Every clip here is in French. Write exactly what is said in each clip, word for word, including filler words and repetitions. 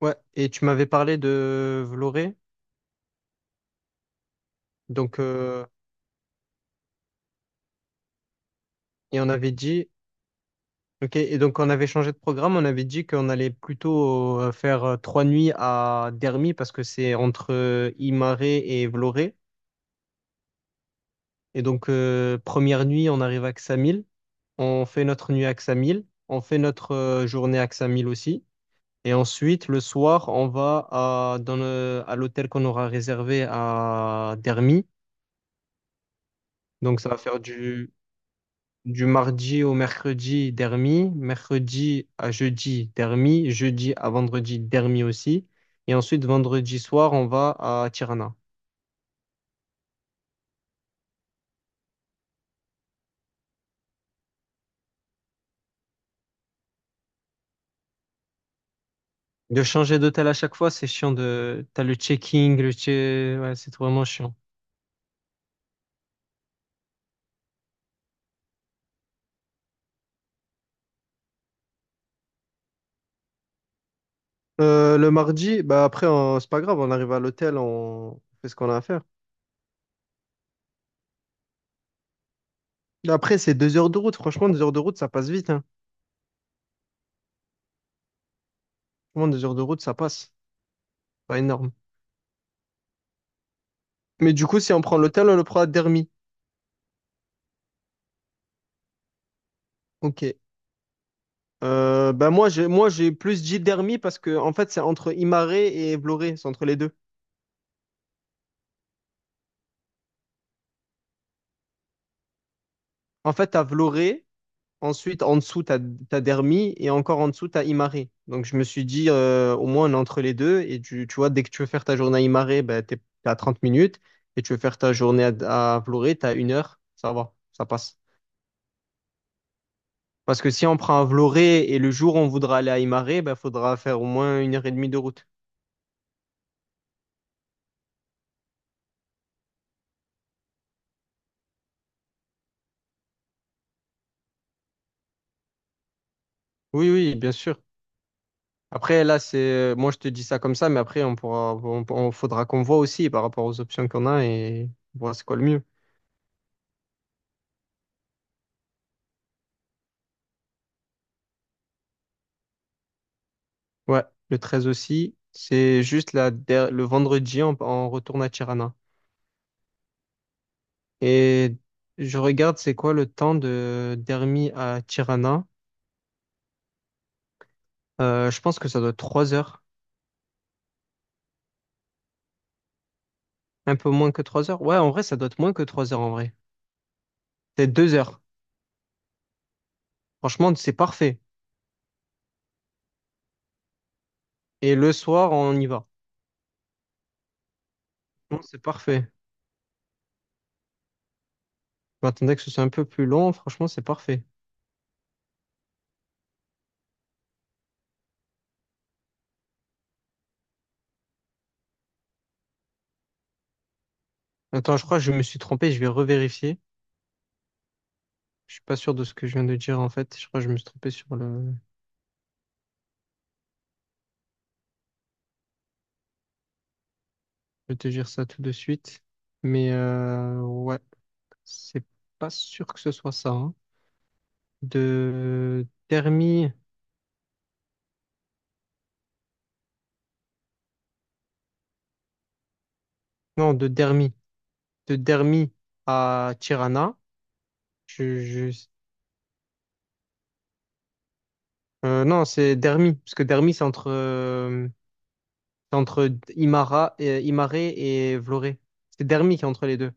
Ouais, et tu m'avais parlé de Vloré, donc euh, et on avait dit, ok. Et donc on avait changé de programme, on avait dit qu'on allait plutôt euh, faire euh, trois nuits à Dermi parce que c'est entre euh, Imare et Vloré, et donc euh, première nuit on arrive à Ksamil, on fait notre nuit à Ksamil, on fait notre euh, journée à Ksamil aussi, et ensuite le soir on va à, dans le- à l'hôtel qu'on aura réservé à Dermi. Donc ça va faire du du mardi au mercredi, Dermi, mercredi à jeudi, Dermi, jeudi à vendredi, Dermi aussi. Et ensuite, vendredi soir, on va à Tirana. De changer d'hôtel à chaque fois, c'est chiant de... T'as le checking, le che... ouais, c'est vraiment chiant. Euh, le mardi, bah après, on- c'est pas grave, on arrive à l'hôtel, on fait ce qu'on a à faire. Après, c'est deux heures de route. Franchement, deux heures de route, ça passe vite, hein. Franchement, deux heures de route, ça passe. Pas énorme. Mais du coup, si on prend l'hôtel, on le prend à Dermi. Ok. Euh, bah moi j'ai moi j'ai plus dit Dermi parce que en fait c'est entre Imaré et Vloré, c'est entre les deux. En fait t'as Vloré, ensuite en dessous t'as t'as Dermi et encore en dessous t'as Imaré. Donc je me suis dit euh, au moins on est entre les deux et tu, tu vois dès que tu veux faire ta journée à Imare, bah t'es t'es à trente minutes, et tu veux faire ta journée à, à Vloré, t'as une heure, ça va, ça passe. Parce que si on prend un Vloré et le jour où on voudra aller à Imare, bah faudra faire au moins une heure et demie de route. Oui oui bien sûr. Après, là, c'est, moi, je te dis ça comme ça, mais après, on pourra, on, on- faudra qu'on voit aussi par rapport aux options qu'on a et voir c'est quoi le mieux. Ouais, le treize aussi, c'est juste la, der- le vendredi, on, on retourne à Tirana. Et je regarde, c'est quoi le temps de d'Hermie à Tirana. Euh, je pense que ça doit être trois heures. Un peu moins que trois heures. Ouais, en vrai, ça doit être moins que trois heures en vrai. C'est deux heures. Franchement, c'est parfait. Et le soir, on y va. Non, c'est parfait. Je m'attendais que ce soit un peu plus long. Franchement, c'est parfait. Attends, je crois que je me suis trompé, je vais revérifier. Je suis pas sûr de ce que je viens de dire en fait. Je crois que je me suis trompé sur le. Je vais te dire ça tout de suite. Mais euh, ouais, c'est pas sûr que ce soit ça, hein. De Dermi, non, de Dermi, de Dermi à Tirana. Je, je- euh, non, c'est Dermi, parce que Dermi c'est entre euh, c'est entre Imara, et Imaré et Vloré. C'est Dermi qui est entre les deux. C'est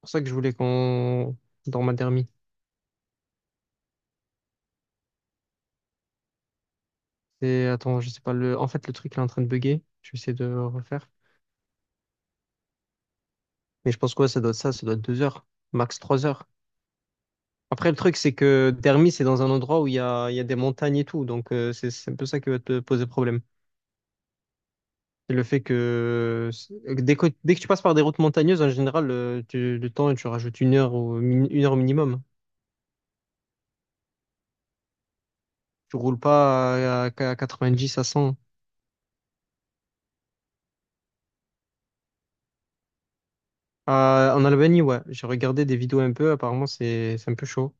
pour ça que je voulais qu'on dans ma Dermi. C'est, attends, je sais pas, le... en fait, le truc, il est en train de bugger. Je vais essayer de le refaire. Mais je pense quoi, ça doit être ça, ça doit être deux heures, max trois heures. Après, le truc, c'est que Dermi, c'est dans un endroit où il y a, il y a des montagnes et tout. Donc, euh, c'est c'est un peu ça qui va te poser problème. C'est le fait que c'est- dès que, dès que tu passes par des routes montagneuses, en général, euh, tu- le temps, tu rajoutes une heure ou min- une heure minimum. Tu roules pas à, à dix à cent. À- en Albanie, ouais, j'ai regardé des vidéos un peu. Apparemment, c'est c'est un peu chaud.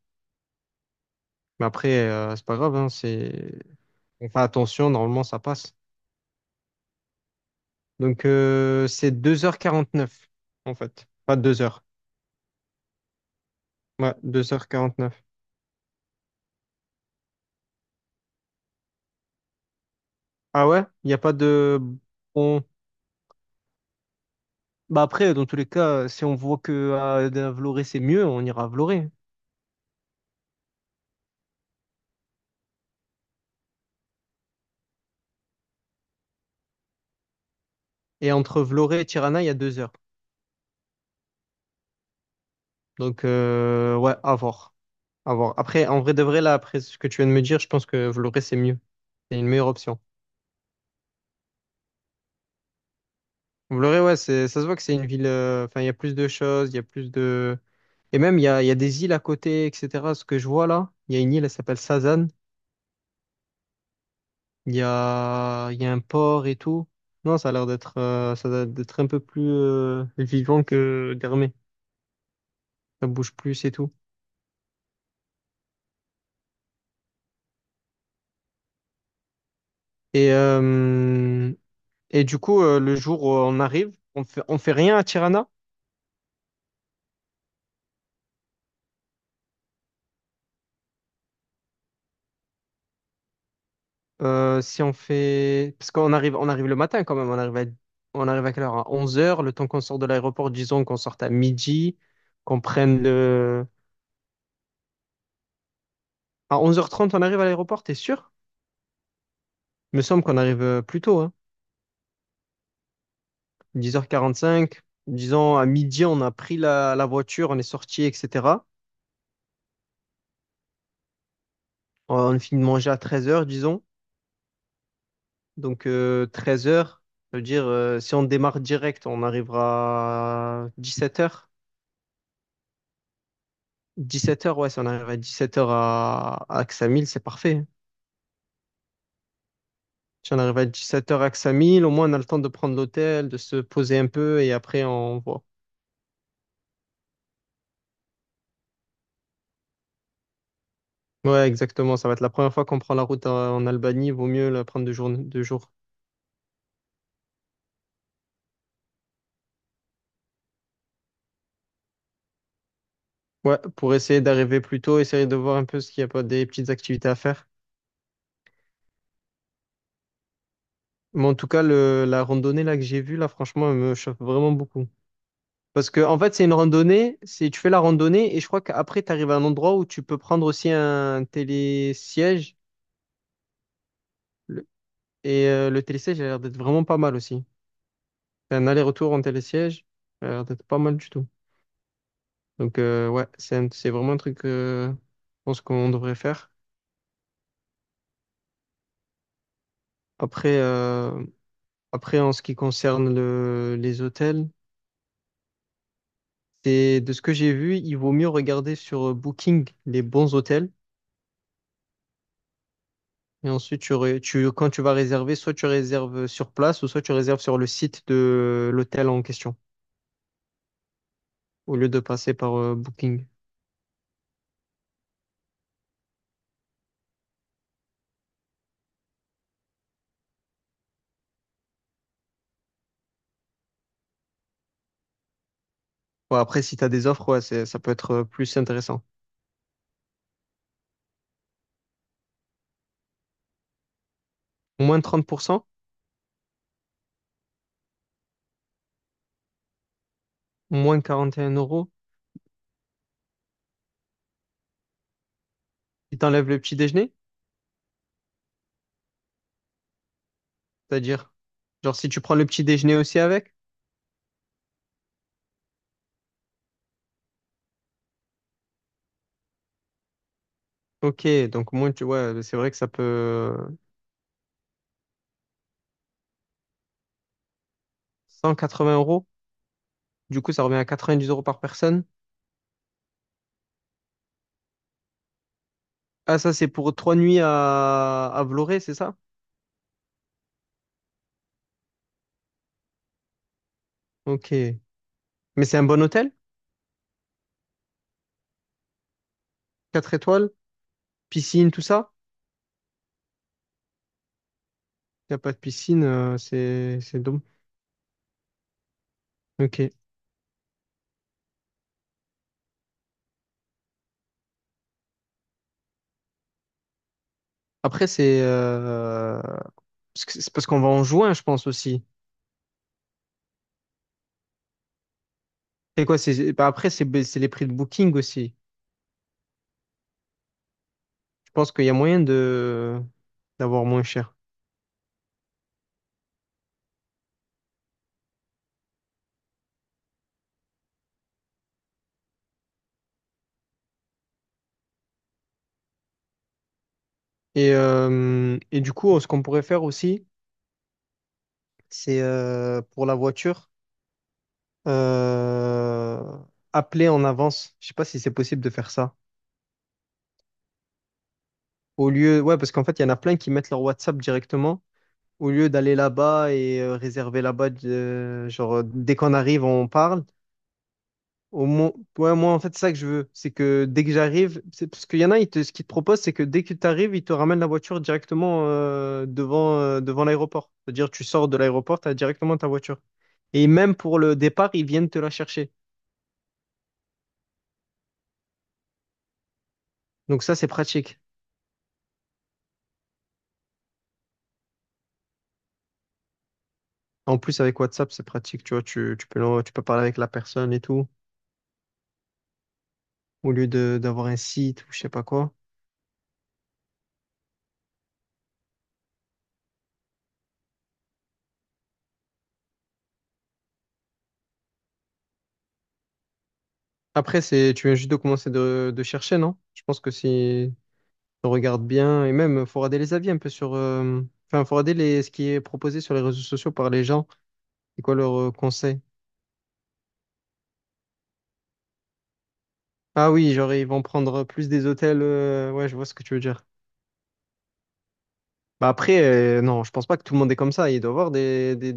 Mais après, euh, c'est pas grave, hein, c'est. On fait attention, normalement ça passe. Donc euh, c'est deux heures quarante-neuf en fait. Pas deux heures. Ouais, deux heures quarante-neuf. Ah ouais? Il n'y a pas de... Bon... Bah après, dans tous les cas, si on voit que à, à Vloré c'est mieux, on ira à Vloré. Et entre Vloré et Tirana, il y a deux heures. Donc euh, ouais, à voir. À voir. Après, en vrai de vrai, là, après ce que tu viens de me dire, je pense que Vloré c'est mieux. C'est une meilleure option. Vloré, ouais, c'est, ça se voit que c'est une ville... euh, enfin, il y a plus de choses, il y a plus de... Et même, il y a, il y a des îles à côté, et cetera. Ce que je vois là, il y a une île, elle s'appelle Sazan. Il y a, il y a un port et tout. Non, ça a l'air d'être euh, ça a l'air d'être un peu plus euh, vivant que Dermé. Ça bouge plus et tout. Et, euh, et du coup, euh, le jour où on arrive, on fait, on fait rien à Tirana. Euh, si on fait... Parce qu'on arrive, on arrive le matin quand même. On arrive à, on arrive à quelle heure? À onze heures. Le temps qu'on sort de l'aéroport, disons qu'on sorte à midi, qu'on prenne le... À onze heures trente, on arrive à l'aéroport, t'es sûr? Il me semble qu'on arrive euh, plus tôt, hein. dix heures quarante-cinq. Disons, à midi, on a pris la, la voiture, on est sorti, et cetera. On a fini de manger à treize heures, disons. Donc, treize heures, ça veut dire, euh, si on démarre direct, on arrivera à dix-sept heures. dix-sept heures, ouais, si on arrive à dix-sept heures à, à Axamil, c'est parfait, hein. Si on arrive à dix-sept heures à Axamil, au moins, on a le temps de prendre l'hôtel, de se poser un peu, et après, on voit. Ouais, exactement. Ça va être la première fois qu'on prend la route en en Albanie. Vaut mieux la prendre deux jours, deux jours. Ouais, pour essayer d'arriver plus tôt, essayer de voir un peu ce qu'il y a pas des petites activités à faire. Mais en tout cas, le, la randonnée là que j'ai vue, là, franchement, elle me chauffe vraiment beaucoup. Parce que, en fait, c'est une randonnée, c'est, tu fais la randonnée et je crois qu'après, tu arrives à un endroit où tu peux prendre aussi un télésiège. Le- Et euh, le télésiège a l'air d'être vraiment pas mal aussi. C'est un aller-retour en télésiège, ça a l'air d'être pas mal du tout. Donc, euh, ouais, c'est un- c'est vraiment un truc, euh, je pense qu'on devrait faire. Après, euh, après, en ce qui concerne le, les hôtels. C'est de ce que j'ai vu, il vaut mieux regarder sur euh, Booking les bons hôtels. Et ensuite, tu, ré- tu, quand tu vas réserver, soit tu réserves euh, sur place ou soit tu réserves sur le site de euh, l'hôtel en question, au lieu de passer par euh, Booking. Bon, après, si tu as des offres, ouais, c'est- ça peut être euh, plus intéressant. Moins trente pour cent, moins quarante et un euros. Ils t'enlèvent le petit déjeuner, c'est-à-dire, genre si tu prends le petit déjeuner aussi avec, ok, donc moins tu, ouais, c'est vrai que ça peut cent quatre-vingts euros. Du coup, ça revient à quatre-vingt-dix euros par personne. Ah, ça, c'est pour trois nuits à, à Vloré c'est ça? Ok. Mais c'est un bon hôtel? Quatre étoiles? Piscine, tout ça? Il n'y a pas de piscine, euh, c'est c'est dom- Ok. Après, c'est euh, parce que- c'est parce qu'on va en juin, je pense aussi. C'est quoi? C'est bah, après, c'est bah, c'est les prix de Booking aussi. Je pense qu'il y a moyen de d'avoir moins cher. Et, euh, et du coup, ce qu'on pourrait faire aussi, c'est euh, pour la voiture, euh, appeler en avance. Je sais pas si c'est possible de faire ça. Au lieu, ouais, parce qu'en fait, il y en a plein qui mettent leur WhatsApp directement. Au lieu d'aller là-bas et euh, réserver là-bas, euh, genre, euh, dès qu'on arrive, on parle. Au moins, ouais, moi, en fait, c'est ça que je veux. C'est que dès que j'arrive, c'est parce qu'il y en a, ils te- ce qu'ils te proposent, c'est que dès que tu arrives, ils te ramènent la voiture directement euh, devant, euh, devant l'aéroport. C'est-à-dire, tu sors de l'aéroport, tu as directement ta voiture. Et même pour le départ, ils viennent te la chercher. Donc ça, c'est pratique. En plus, avec WhatsApp, c'est pratique. Tu vois, tu, tu peux, l'en- tu peux parler avec la personne et tout. Au lieu de d'avoir un site ou je sais pas quoi. Après, c'est, tu viens juste de commencer de, de chercher, non? Je pense que si on regarde bien, et même, faut regarder les avis un peu sur, euh, enfin, faut regarder les, ce qui est proposé sur les réseaux sociaux par les gens. C'est quoi leur euh, conseil? Ah oui, genre, ils vont prendre plus des hôtels. euh, ouais, je vois ce que tu veux dire. Bah après, euh, non, je pense pas que tout le monde est comme ça. Il doit y avoir des, des,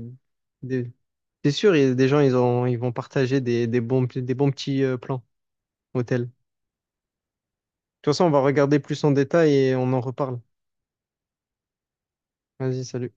des... C'est sûr, il y a des gens, ils ont, ils vont partager des, des bons, des bons petits euh, plans hôtels. De toute façon, on va regarder plus en détail et on en reparle. Vas-y, salut.